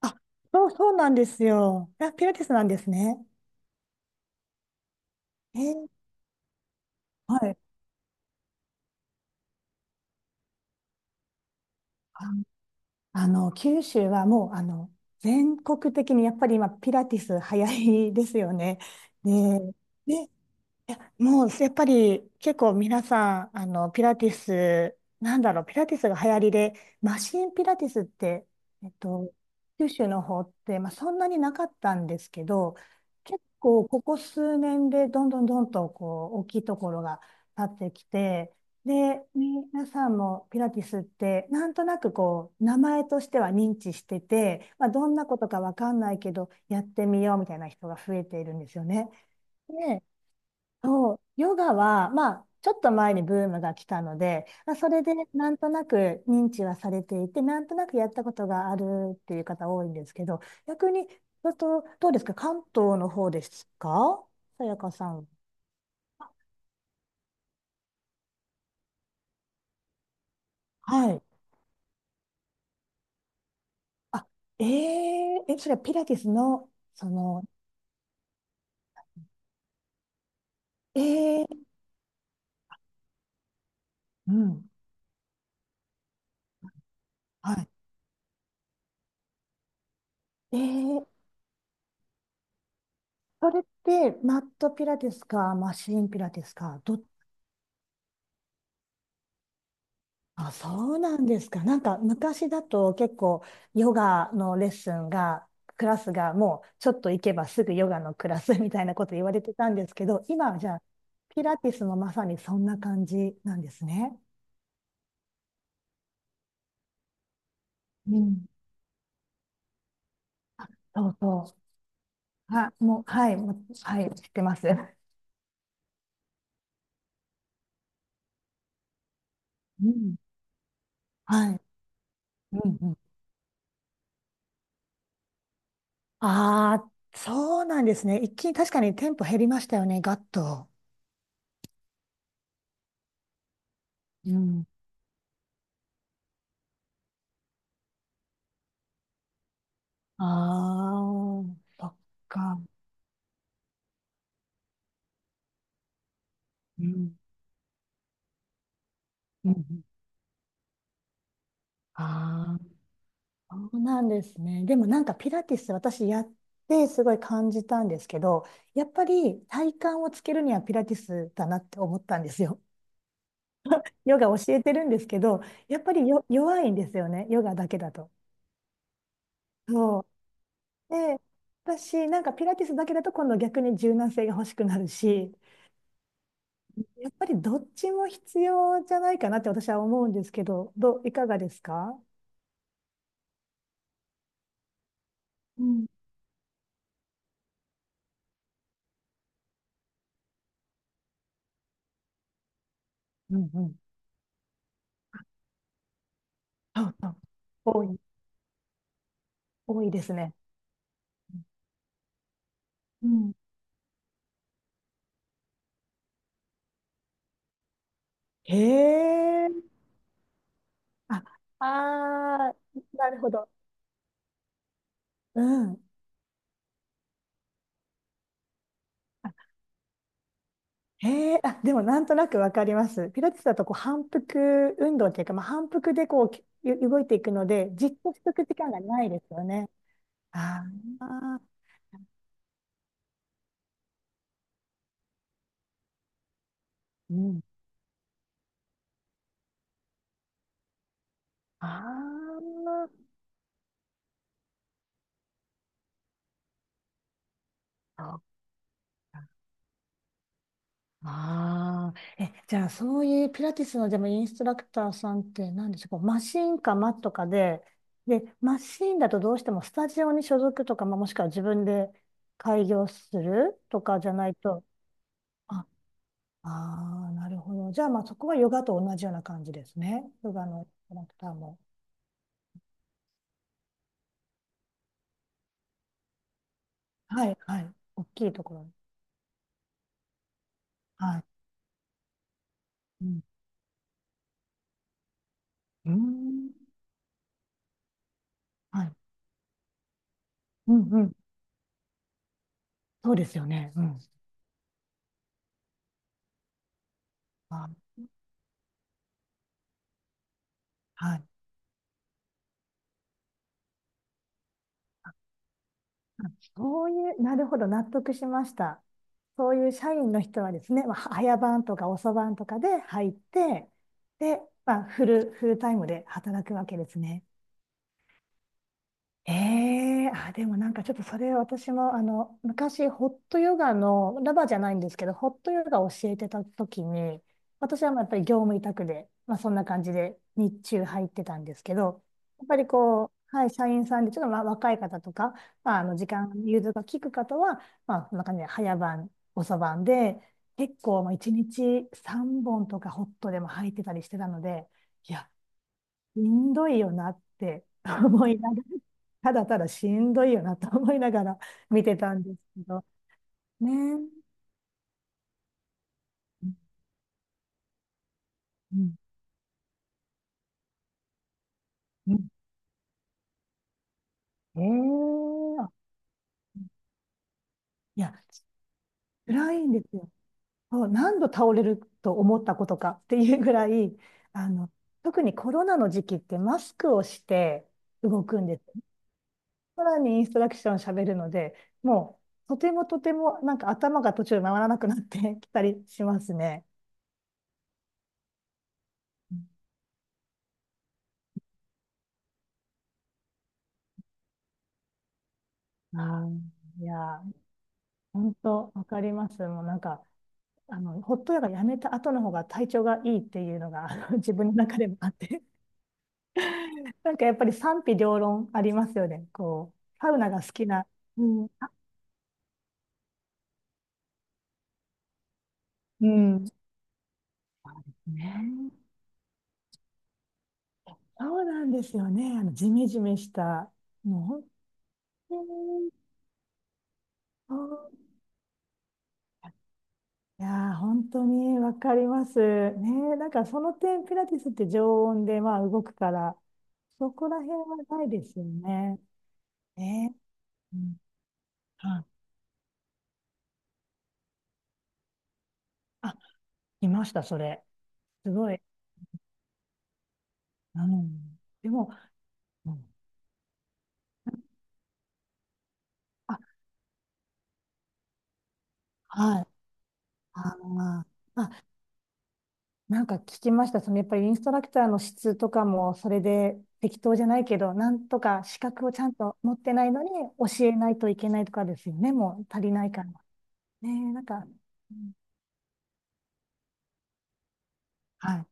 あ、そうそうなんですよ。あ、ピラティスなんですね。えーはい。ああの、九州はもう、あの、全国的にやっぱり今、ピラティス流行りですよね。で、ねもうやっぱり結構皆さん、あの、ピラティス、なんだろう、ピラティスが流行りで、マシンピラティスって、えっと、九州の方って、まあ、そんなになかったんですけど、結構ここ数年でどんどんどんとこう大きいところが立ってきて、で、皆さんもピラティスってなんとなくこう名前としては認知してて、まあ、どんなことかわかんないけどやってみようみたいな人が増えているんですよね。でそう、ヨガは、まあ、ちょっと前にブームが来たので、まあ、それでなんとなく認知はされていて、なんとなくやったことがあるっていう方多いんですけど、逆に、あと、どうですか関東の方ですかさやかさん。はい。あ、えー、え、それはピラティスの、その、えー、うん。はい。えー、それって、マットピラティスか、マシーンピラティスか、どっあ、そうなんですか。なんか昔だと結構ヨガのレッスンが、クラスがもうちょっと行けばすぐヨガのクラスみたいなこと言われてたんですけど、今はじゃあピラティスもまさにそんな感じなんですね。うん。そうそう。は、もう、はい、もう、はい、知ってます。うん。はい。うんうん。ああ、そうなんですね。一気に確かにテンポ減りましたよね、ガッと。うん。ああ、そっか。うん。うんうんああ、そうなんですね。でもなんかピラティス私やってすごい感じたんですけど、やっぱり体幹をつけるにはピラティスだなって思ったんですよ。ヨガ教えてるんですけど、やっぱりよ弱いんですよね、ヨガだけだと。そう。で、私なんかピラティスだけだと今度逆に柔軟性が欲しくなるし、やっぱりどっちも必要じゃないかなって私は思うんですけど、どう、いかがですかうん、うん、うん。そうそう。多い、多いですね。うんへえ。あ、あなるほど。うん。へえ。あ、でもなんとなくわかります。ピラティスだとこう反復運動っていうか、まあ、反復でこうきゆ動いていくので、じっとしてく時間がないですよね。ああ、うん。ああ、そうかああ、え、じゃあそういうピラティスのでもインストラクターさんって何でしょう、こうマシンかマットかで、で、マシンだとどうしてもスタジオに所属とか、まあ、もしくは自分で開業するとかじゃないと、あ、ああ、なるほど。じゃあまあそこはヨガと同じような感じですね。ヨガのインストラクターも。はい、はい。大きいところ。はい。うん。うーんはい。うん、うん。そうですよね。うん。あ、はい。あそういう、なるほど、納得しました。そういう社員の人はですね、まあ、早番とか遅番とかで入って、で、まあ、フルタイムで働くわけですね。ええあ、でもなんかちょっとそれ私もあの、昔ホットヨガの、ラバーじゃないんですけど、ホットヨガを教えてた時に、私はまあやっぱり業務委託で、まあそんな感じで日中入ってたんですけど、やっぱりこう、はい、社員さんでちょっとまあ若い方とか、まああの時間、融通が利く方は、まあそんな感じで早晩、遅晩で、結構まあ1日3本とかホットでも入ってたりしてたので、いや、しんどいよなって思いながら、ただただしんどいよなと思いながら見てたんですけど、ねえ。うんうん、うんええいや、辛いんですよ。そう何度倒れると思ったことかっていうぐらい、あの、特にコロナの時期ってマスクをして動くんです。さらにインストラクションを喋るので、もうとてもとてもなんか頭が途中で回らなくなってきたりしますね。ああいや本当、わかります。もうなんか、あの、ホットヨガやめた後の方が体調がいいっていうのが、あの自分の中でもあって、なんかやっぱり賛否両論ありますよね。こう、サウナが好きな。うん。あうん。ねえ、そうなんですよね。あの、ジメジメした。もう本当に、そういやー、本当にわかります。ねえ、なんかその点、ピラティスって常温で、まあ、動くから、そこら辺はないですよね。ねえ。うんはいいました、それ。すごい。うん。でも、うん、あ、はい。あの、なんか聞きました。そのやっぱりインストラクターの質とかも、それで適当じゃないけど、なんとか資格をちゃんと持ってないのに教えないといけないとかですよね。もう足りないから。ねえ、なんか、うん、はい。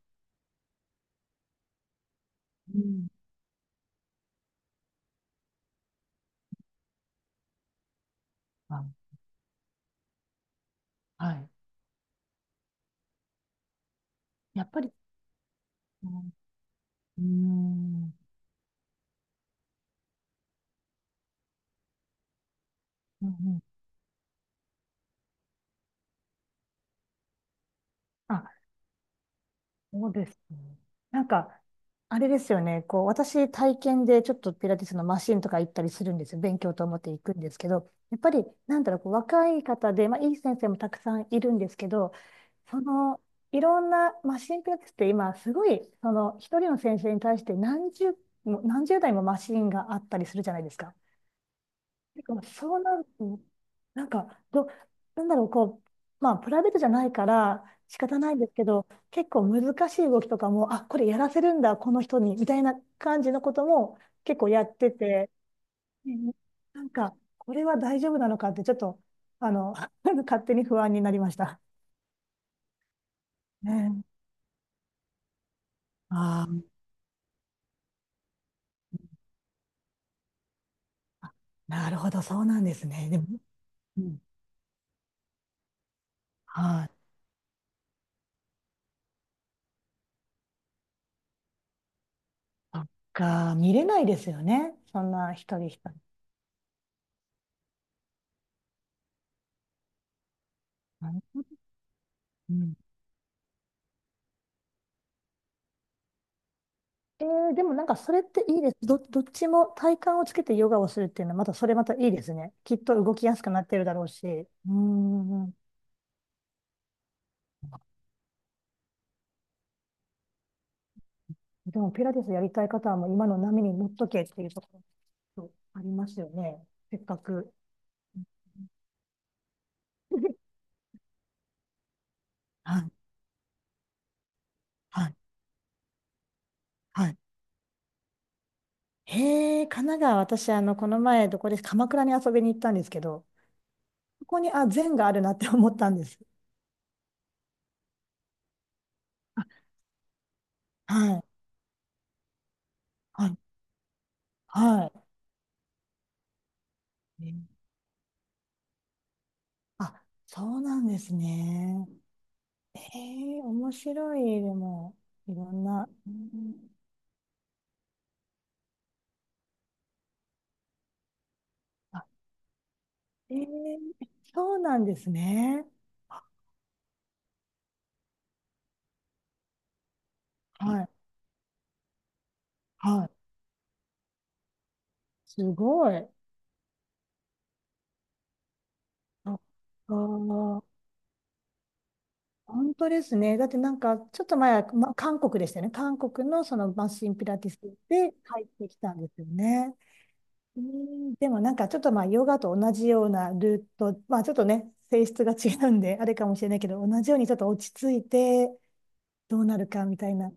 うん。あ、はい。やっぱり、うん、うん、うん。うんあそうですね。なんか、あれですよね。こう、私、体験でちょっとピラティスのマシンとか行ったりするんですよ。勉強と思って行くんですけど、やっぱり、なんだろう、こう若い方で、まあ、いい先生もたくさんいるんですけど、その、いろんなマシンピラティスって今、すごい、その、一人の先生に対して何十、もう何十台もマシンがあったりするじゃないですか。てか、そうなると、なんか、ど、なんだろう、こう、まあ、プライベートじゃないから仕方ないんですけど、結構難しい動きとかも、あ、これやらせるんだ、この人に、みたいな感じのことも結構やってて、うんなんか、これは大丈夫なのかって、ちょっと、あの、勝手に不安になりました。ね。ああ、なるほど、そうなんですね。でも、うん、はい、そっか、見れないですよね。そんな一人一人。うんえー、でもなんかそれっていいです。ど、どっちも体幹をつけてヨガをするっていうのは、またそれまたいいですね。きっと動きやすくなってるだろうし。うーん。でもピラティスやりたい方はもう今の波に乗っとけっていうところありますよね。せっかく。はい、はい、はい。へえ、神奈川、私、あの、この前、どこです、鎌倉に遊びに行ったんですけど、ここに、あ、禅があるなって思ったんです。あはい、はい、はい。えあ、そうなんですね。ええ面白い、でも、いろんな。うんあ、ええそうなんですね。あはい、はい。すごい。あ、ー、本当ですね。だってなんか、ちょっと前は、ま、韓国でしたよね。韓国のそのマシンピラティスで入ってきたんですよね。うんでもなんかちょっとまあヨガと同じようなルート、まあちょっとね、性質が違うんで、あれかもしれないけど、同じようにちょっと落ち着いてどうなるかみたいな、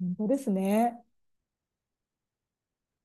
本当ですね。